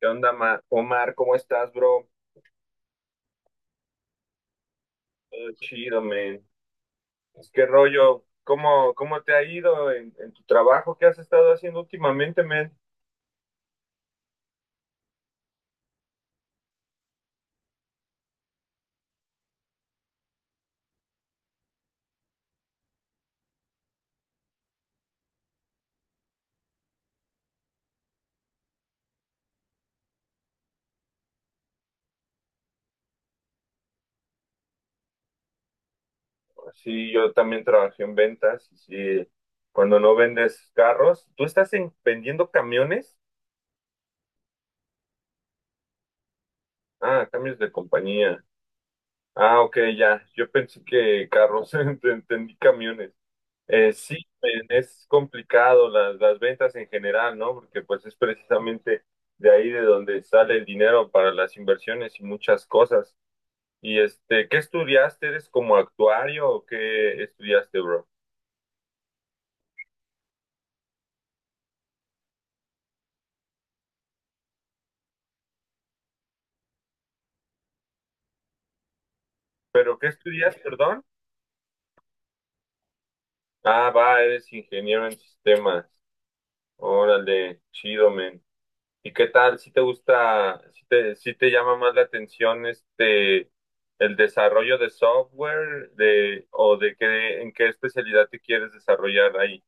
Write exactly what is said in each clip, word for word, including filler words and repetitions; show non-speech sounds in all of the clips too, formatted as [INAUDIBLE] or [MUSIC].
¿Qué onda, Ma- Omar? ¿Cómo estás, bro? Todo chido, man. Es que rollo, ¿cómo, cómo te ha ido en, en tu trabajo? ¿Qué has estado haciendo últimamente, man? Sí, yo también trabajé en ventas. y Sí, cuando no vendes carros, ¿tú estás en- vendiendo camiones? Ah, cambios de compañía. Ah, ok, ya. Yo pensé que carros, [LAUGHS] ent- entendí camiones. Eh, sí, men, es complicado las, las ventas en general, ¿no? Porque pues es precisamente de ahí de donde sale el dinero para las inversiones y muchas cosas. Y este, ¿qué estudiaste? ¿Eres como actuario o qué estudiaste, bro? ¿Pero qué estudias, perdón? Ah, va, eres ingeniero en sistemas. Órale, chido, men. ¿Y qué tal si te gusta, si te, si te llama más la atención este el desarrollo de software de o de qué, en qué especialidad te quieres desarrollar ahí?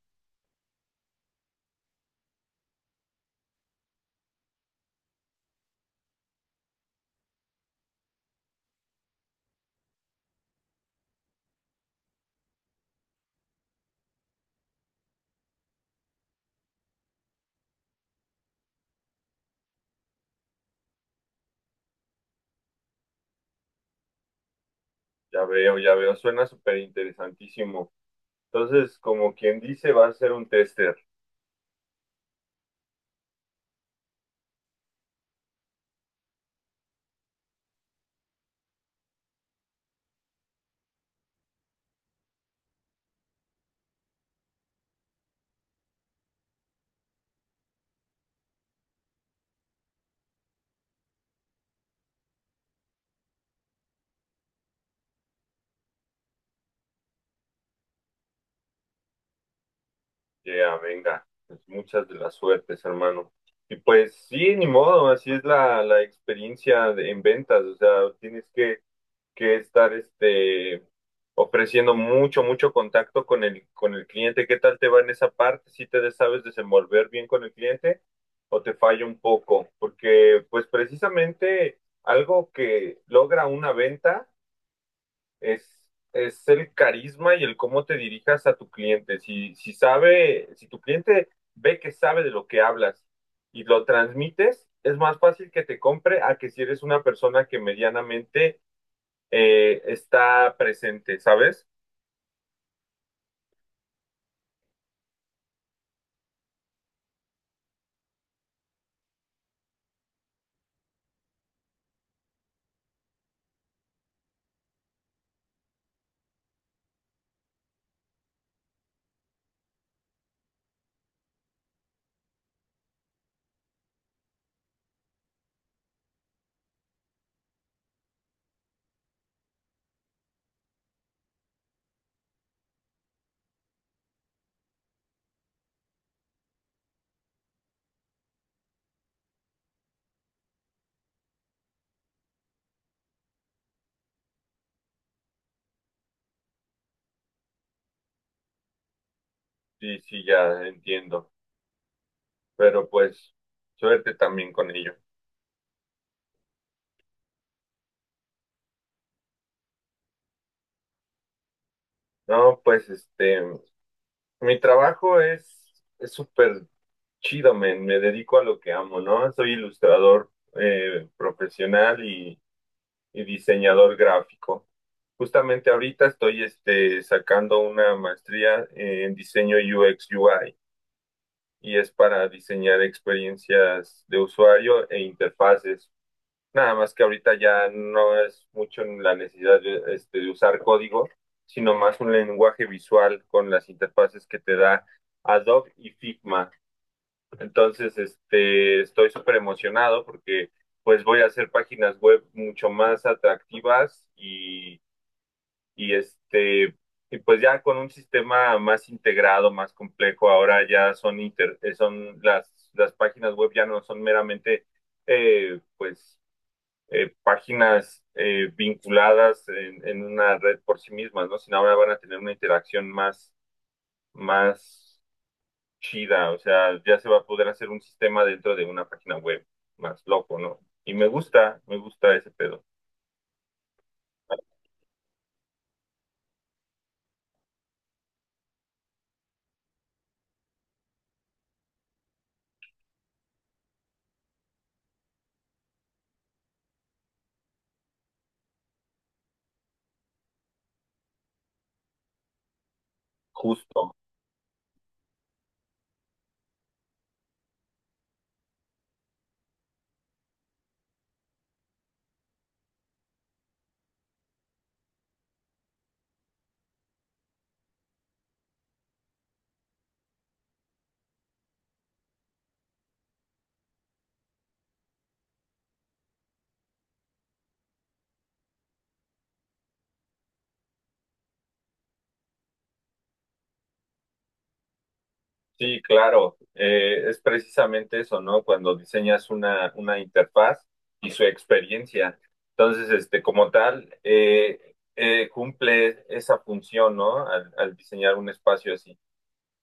Ya veo, ya veo, suena súper interesantísimo. Entonces, como quien dice, va a ser un tester. Ya, venga, pues muchas de las suertes, hermano. Y pues sí, ni modo, así es la, la experiencia de- en ventas, o sea, tienes que, que estar este, ofreciendo mucho, mucho contacto con el, con el cliente. ¿Qué tal te va en esa parte? ¿Si te sabes desenvolver bien con el cliente o te falla un poco? Porque pues precisamente algo que logra una venta. Es, es el carisma y el cómo te dirijas a tu cliente. Si, si sabe, si tu cliente ve que sabe de lo que hablas y lo transmites, es más fácil que te compre a que si eres una persona que medianamente eh, está presente, ¿sabes? Sí, sí, ya entiendo. Pero pues, suerte también con ello. No, pues este. Mi trabajo es es súper chido, men. Me dedico a lo que amo, ¿no? Soy ilustrador eh, profesional y, y diseñador gráfico. Justamente ahorita estoy este, sacando una maestría eh, en diseño U X U I, y es para diseñar experiencias de usuario e interfaces. Nada más que ahorita ya no es mucho en la necesidad de, este, de usar código, sino más un lenguaje visual con las interfaces que te da Adobe y Figma. Entonces, este, estoy súper emocionado porque pues voy a hacer páginas web mucho más atractivas y, y este, y pues ya con un sistema más integrado, más complejo. Ahora ya son inter- eh, son las, las páginas web ya no son meramente eh, pues eh, páginas eh, vinculadas en, en una red por sí mismas, ¿no? Sino ahora van a tener una interacción más, más chida, o sea, ya se va a poder hacer un sistema dentro de una página web más loco, ¿no? Y me gusta, me gusta ese pedo, justo. Sí, claro, eh, es precisamente eso, ¿no? Cuando diseñas una, una interfaz y su experiencia. Entonces, este, como tal, eh, eh, cumple esa función, ¿no? Al, al diseñar un espacio así.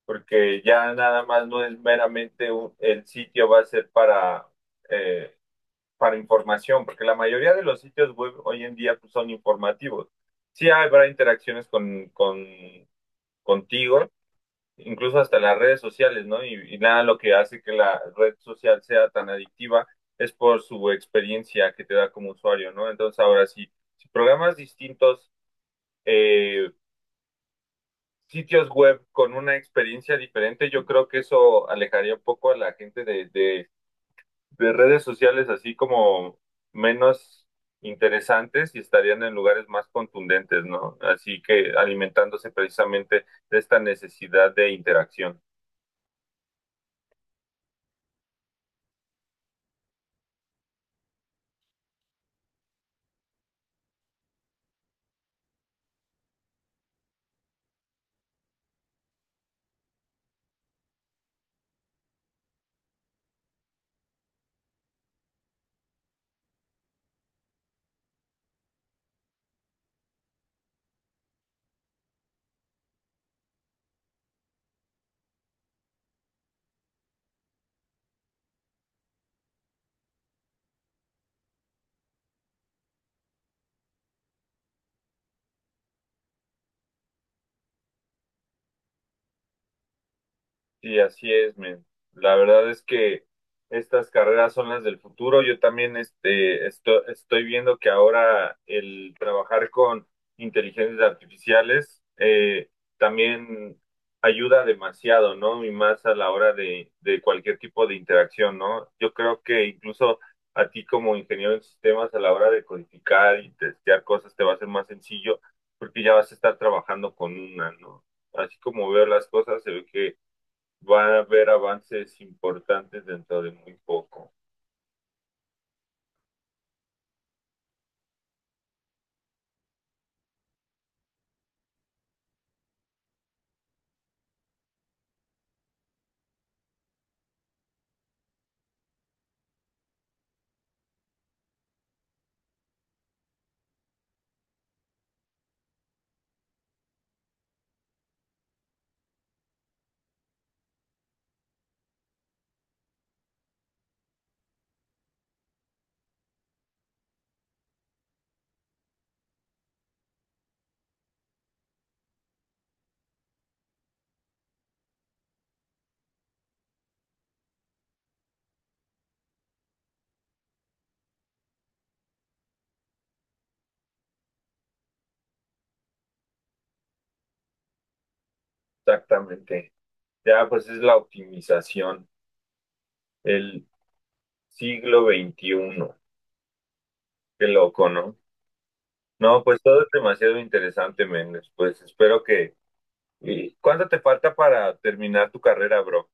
Porque ya nada más no es meramente un- el sitio va a ser para, eh, para información, porque la mayoría de los sitios web hoy en día, pues, son informativos. Sí habrá interacciones con, con, contigo, incluso hasta las redes sociales, ¿no? Y, y nada, lo que hace que la red social sea tan adictiva es por su experiencia que te da como usuario, ¿no? Entonces ahora sí, si programas distintos eh, sitios web con una experiencia diferente, yo creo que eso alejaría un poco a la gente de, de, de redes sociales así como menos interesantes, y estarían en lugares más contundentes, ¿no? Así que alimentándose precisamente de esta necesidad de interacción. Sí, así es, men. La verdad es que estas carreras son las del futuro. Yo también este, esto- estoy viendo que ahora el trabajar con inteligencias artificiales eh, también ayuda demasiado, ¿no? Y más a la hora de, de cualquier tipo de interacción, ¿no? Yo creo que incluso a ti como ingeniero en sistemas, a la hora de codificar y testear cosas, te va a ser más sencillo porque ya vas a estar trabajando con una, ¿no? Así como veo las cosas, se ve que va a haber avances importantes dentro de muy poco. Exactamente. Ya, pues es la optimización, el siglo veintiuno. Qué loco, ¿no? No, pues todo es demasiado interesante, Méndez. Pues espero que... ¿Y cuánto te falta para terminar tu carrera, bro?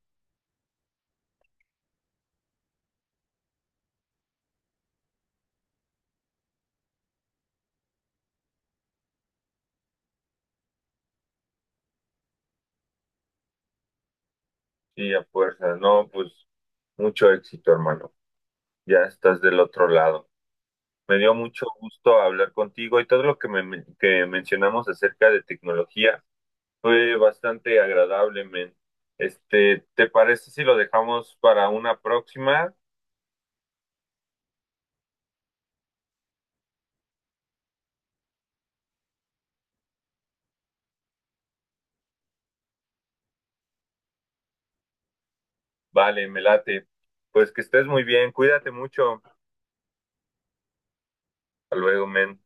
Sí, a fuerza. No, pues mucho éxito, hermano. Ya estás del otro lado. Me dio mucho gusto hablar contigo y todo lo que, me, que mencionamos acerca de tecnología. Fue bastante agradable, men. Este, ¿te parece si lo dejamos para una próxima? Vale, me late. Pues que estés muy bien, cuídate mucho. Hasta luego, men.